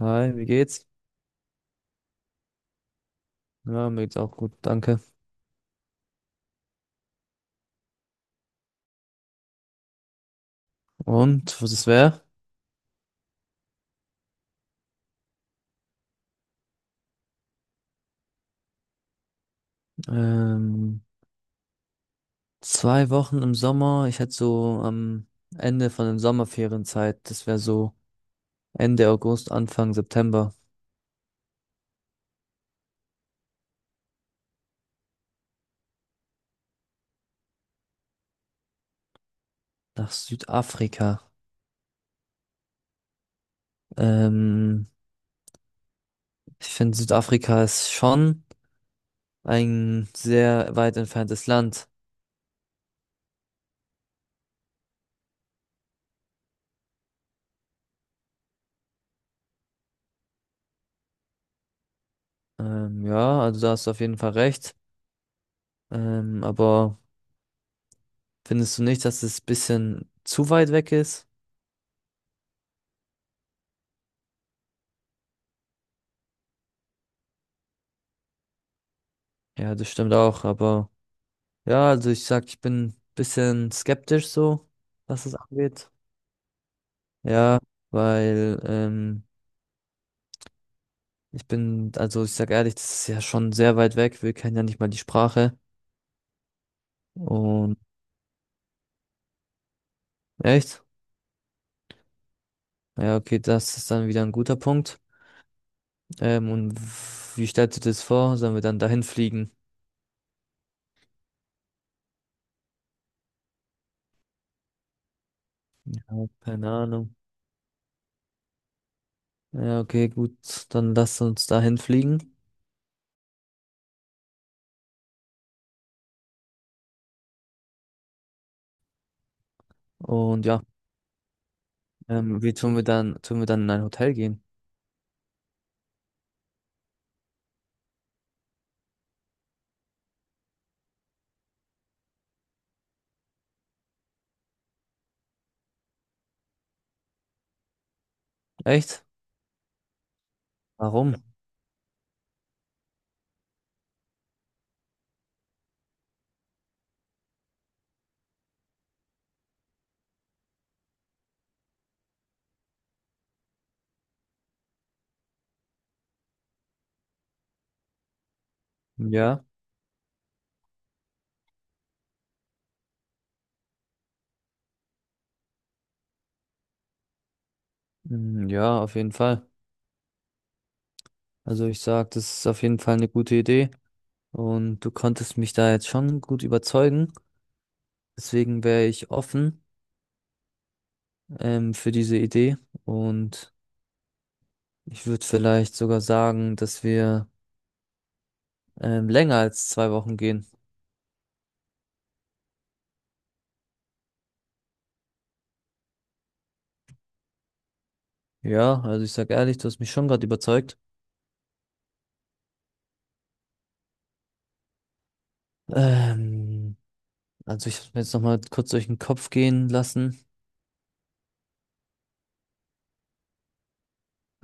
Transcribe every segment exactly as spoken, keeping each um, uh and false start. Hi, wie geht's? Ja, mir geht's auch gut, danke. Und was es wäre? Ähm, zwei Wochen im Sommer. Ich hätte so am Ende von den Sommerferienzeit, das wäre so Ende August, Anfang September, nach Südafrika. Ähm, Ich finde, Südafrika ist schon ein sehr weit entferntes Land. Ähm, ja, also da hast du auf jeden Fall recht. Ähm, aber findest du nicht, dass es bisschen zu weit weg ist? Ja, das stimmt auch, aber. Ja, also ich sag, ich bin ein bisschen skeptisch so, was es angeht. Ja, weil ähm, ich bin, also ich sag ehrlich, das ist ja schon sehr weit weg. Wir kennen ja nicht mal die Sprache. Und echt? Ja, okay, das ist dann wieder ein guter Punkt. Ähm, und wie stellst du dir das vor? Sollen wir dann dahin fliegen? Ja, keine Ahnung. Ja, okay, gut, dann lass uns dahin fliegen. Und ja, ähm, wie tun wir dann, tun wir dann in ein Hotel gehen? Echt? Warum? Ja, Mm, ja, auf jeden Fall. Also ich sag, das ist auf jeden Fall eine gute Idee und du konntest mich da jetzt schon gut überzeugen. Deswegen wäre ich offen ähm, für diese Idee und ich würde vielleicht sogar sagen, dass wir ähm, länger als zwei Wochen gehen. Ja, also ich sag ehrlich, du hast mich schon gerade überzeugt. Ähm, also ich habe mir jetzt nochmal kurz durch den Kopf gehen lassen.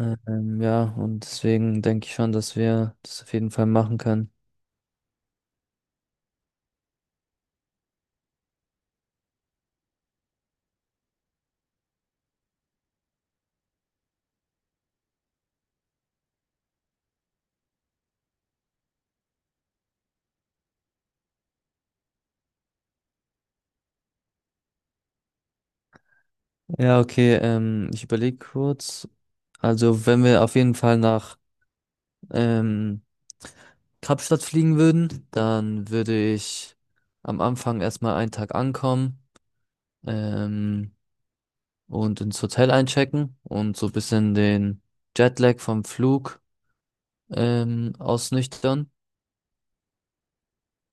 Ähm, ja, und deswegen denke ich schon, dass wir das auf jeden Fall machen können. Ja, okay, ähm, ich überlege kurz. Also, wenn wir auf jeden Fall nach ähm, Kapstadt fliegen würden, dann würde ich am Anfang erstmal einen Tag ankommen ähm, und ins Hotel einchecken und so ein bisschen den Jetlag vom Flug ähm, ausnüchtern.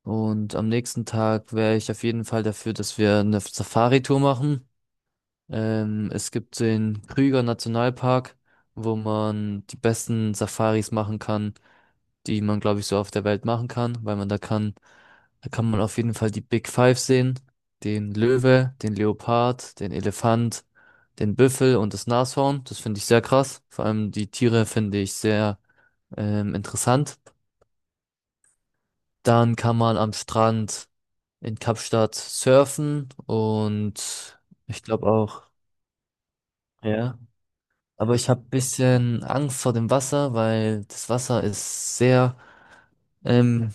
Und am nächsten Tag wäre ich auf jeden Fall dafür, dass wir eine Safari-Tour machen. Ähm, es gibt den Krüger Nationalpark, wo man die besten Safaris machen kann, die man, glaube ich, so auf der Welt machen kann, weil man da kann, da kann man auf jeden Fall die Big Five sehen, den Löwe, den Leopard, den Elefant, den Büffel und das Nashorn. Das finde ich sehr krass. Vor allem die Tiere finde ich sehr ähm, interessant. Dann kann man am Strand in Kapstadt surfen und ich glaube auch, ja. Aber ich habe ein bisschen Angst vor dem Wasser, weil das Wasser ist sehr ähm,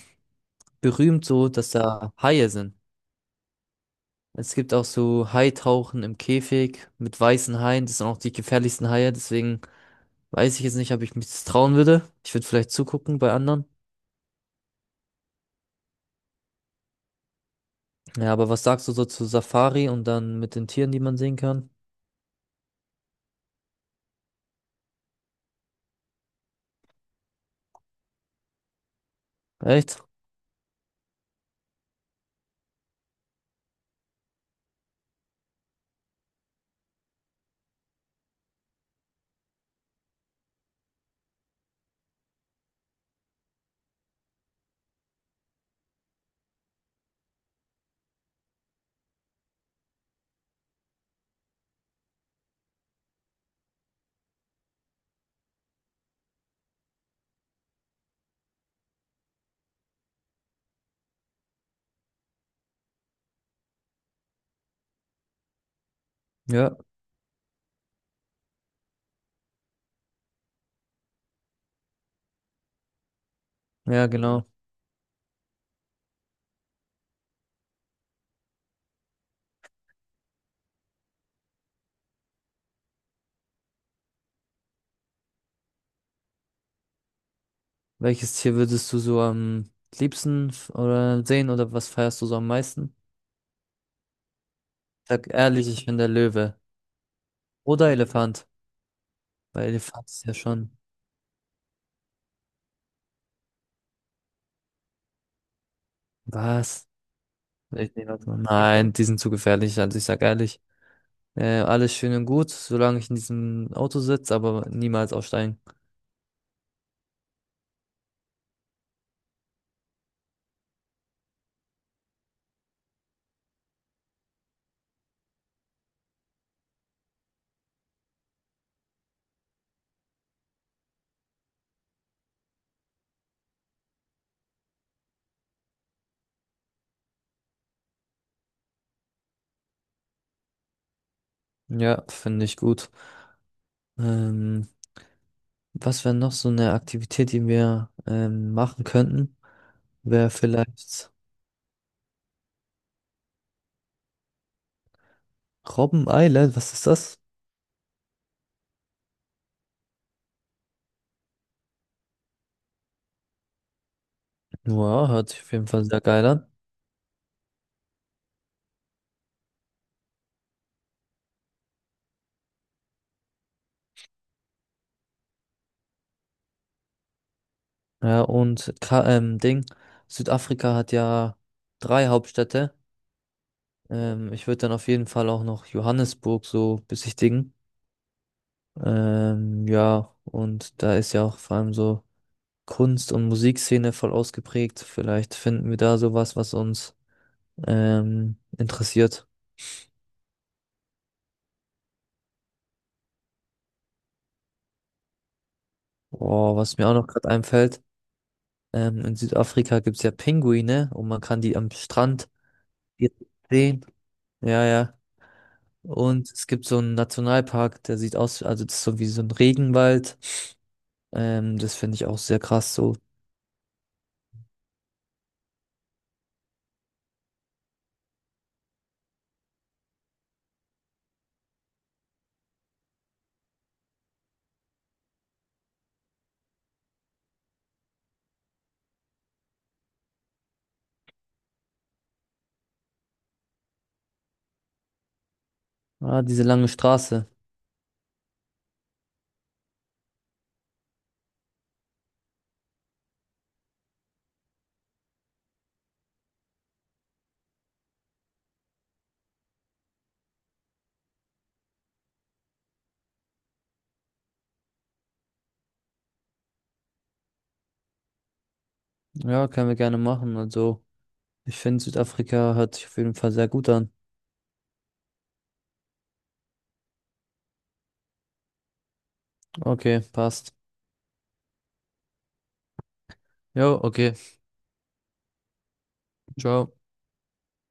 berühmt so, dass da Haie sind. Es gibt auch so Haitauchen im Käfig mit weißen Haien. Das sind auch die gefährlichsten Haie. Deswegen weiß ich jetzt nicht, ob ich mich das trauen würde. Ich würde vielleicht zugucken bei anderen. Ja, aber was sagst du so zu Safari und dann mit den Tieren, die man sehen kann? Echt? Ja, ja, genau. Welches Tier würdest du so am liebsten f- oder sehen oder was feierst du so am meisten? Sag ehrlich, ich bin der Löwe. Oder Elefant. Weil Elefant ist ja schon. Was? Ich nehme das mal. Nein, die sind zu gefährlich. Also ich sag ehrlich. Äh, alles schön und gut, solange ich in diesem Auto sitze, aber niemals aussteigen. Ja, finde ich gut. Ähm, Was wäre noch so eine Aktivität, die wir ähm, machen könnten? Wäre vielleicht Robben Island. Was ist das? Ja, hört sich auf jeden Fall sehr geil an. Ja, und Ka ähm, Ding, Südafrika hat ja drei Hauptstädte. Ähm, ich würde dann auf jeden Fall auch noch Johannesburg so besichtigen. Ähm, ja, und da ist ja auch vor allem so Kunst- und Musikszene voll ausgeprägt. Vielleicht finden wir da sowas, was uns ähm, interessiert. Boah, was mir auch noch gerade einfällt, ähm, in Südafrika gibt's ja Pinguine und man kann die am Strand sehen. Ja, ja. Und es gibt so einen Nationalpark, der sieht aus, also das ist so wie so ein Regenwald. Ähm, das finde ich auch sehr krass so. Ah, diese lange Straße. Ja, können wir gerne machen. Also, ich finde, Südafrika hört sich auf jeden Fall sehr gut an. Okay, passt. Jo, okay. Ciao.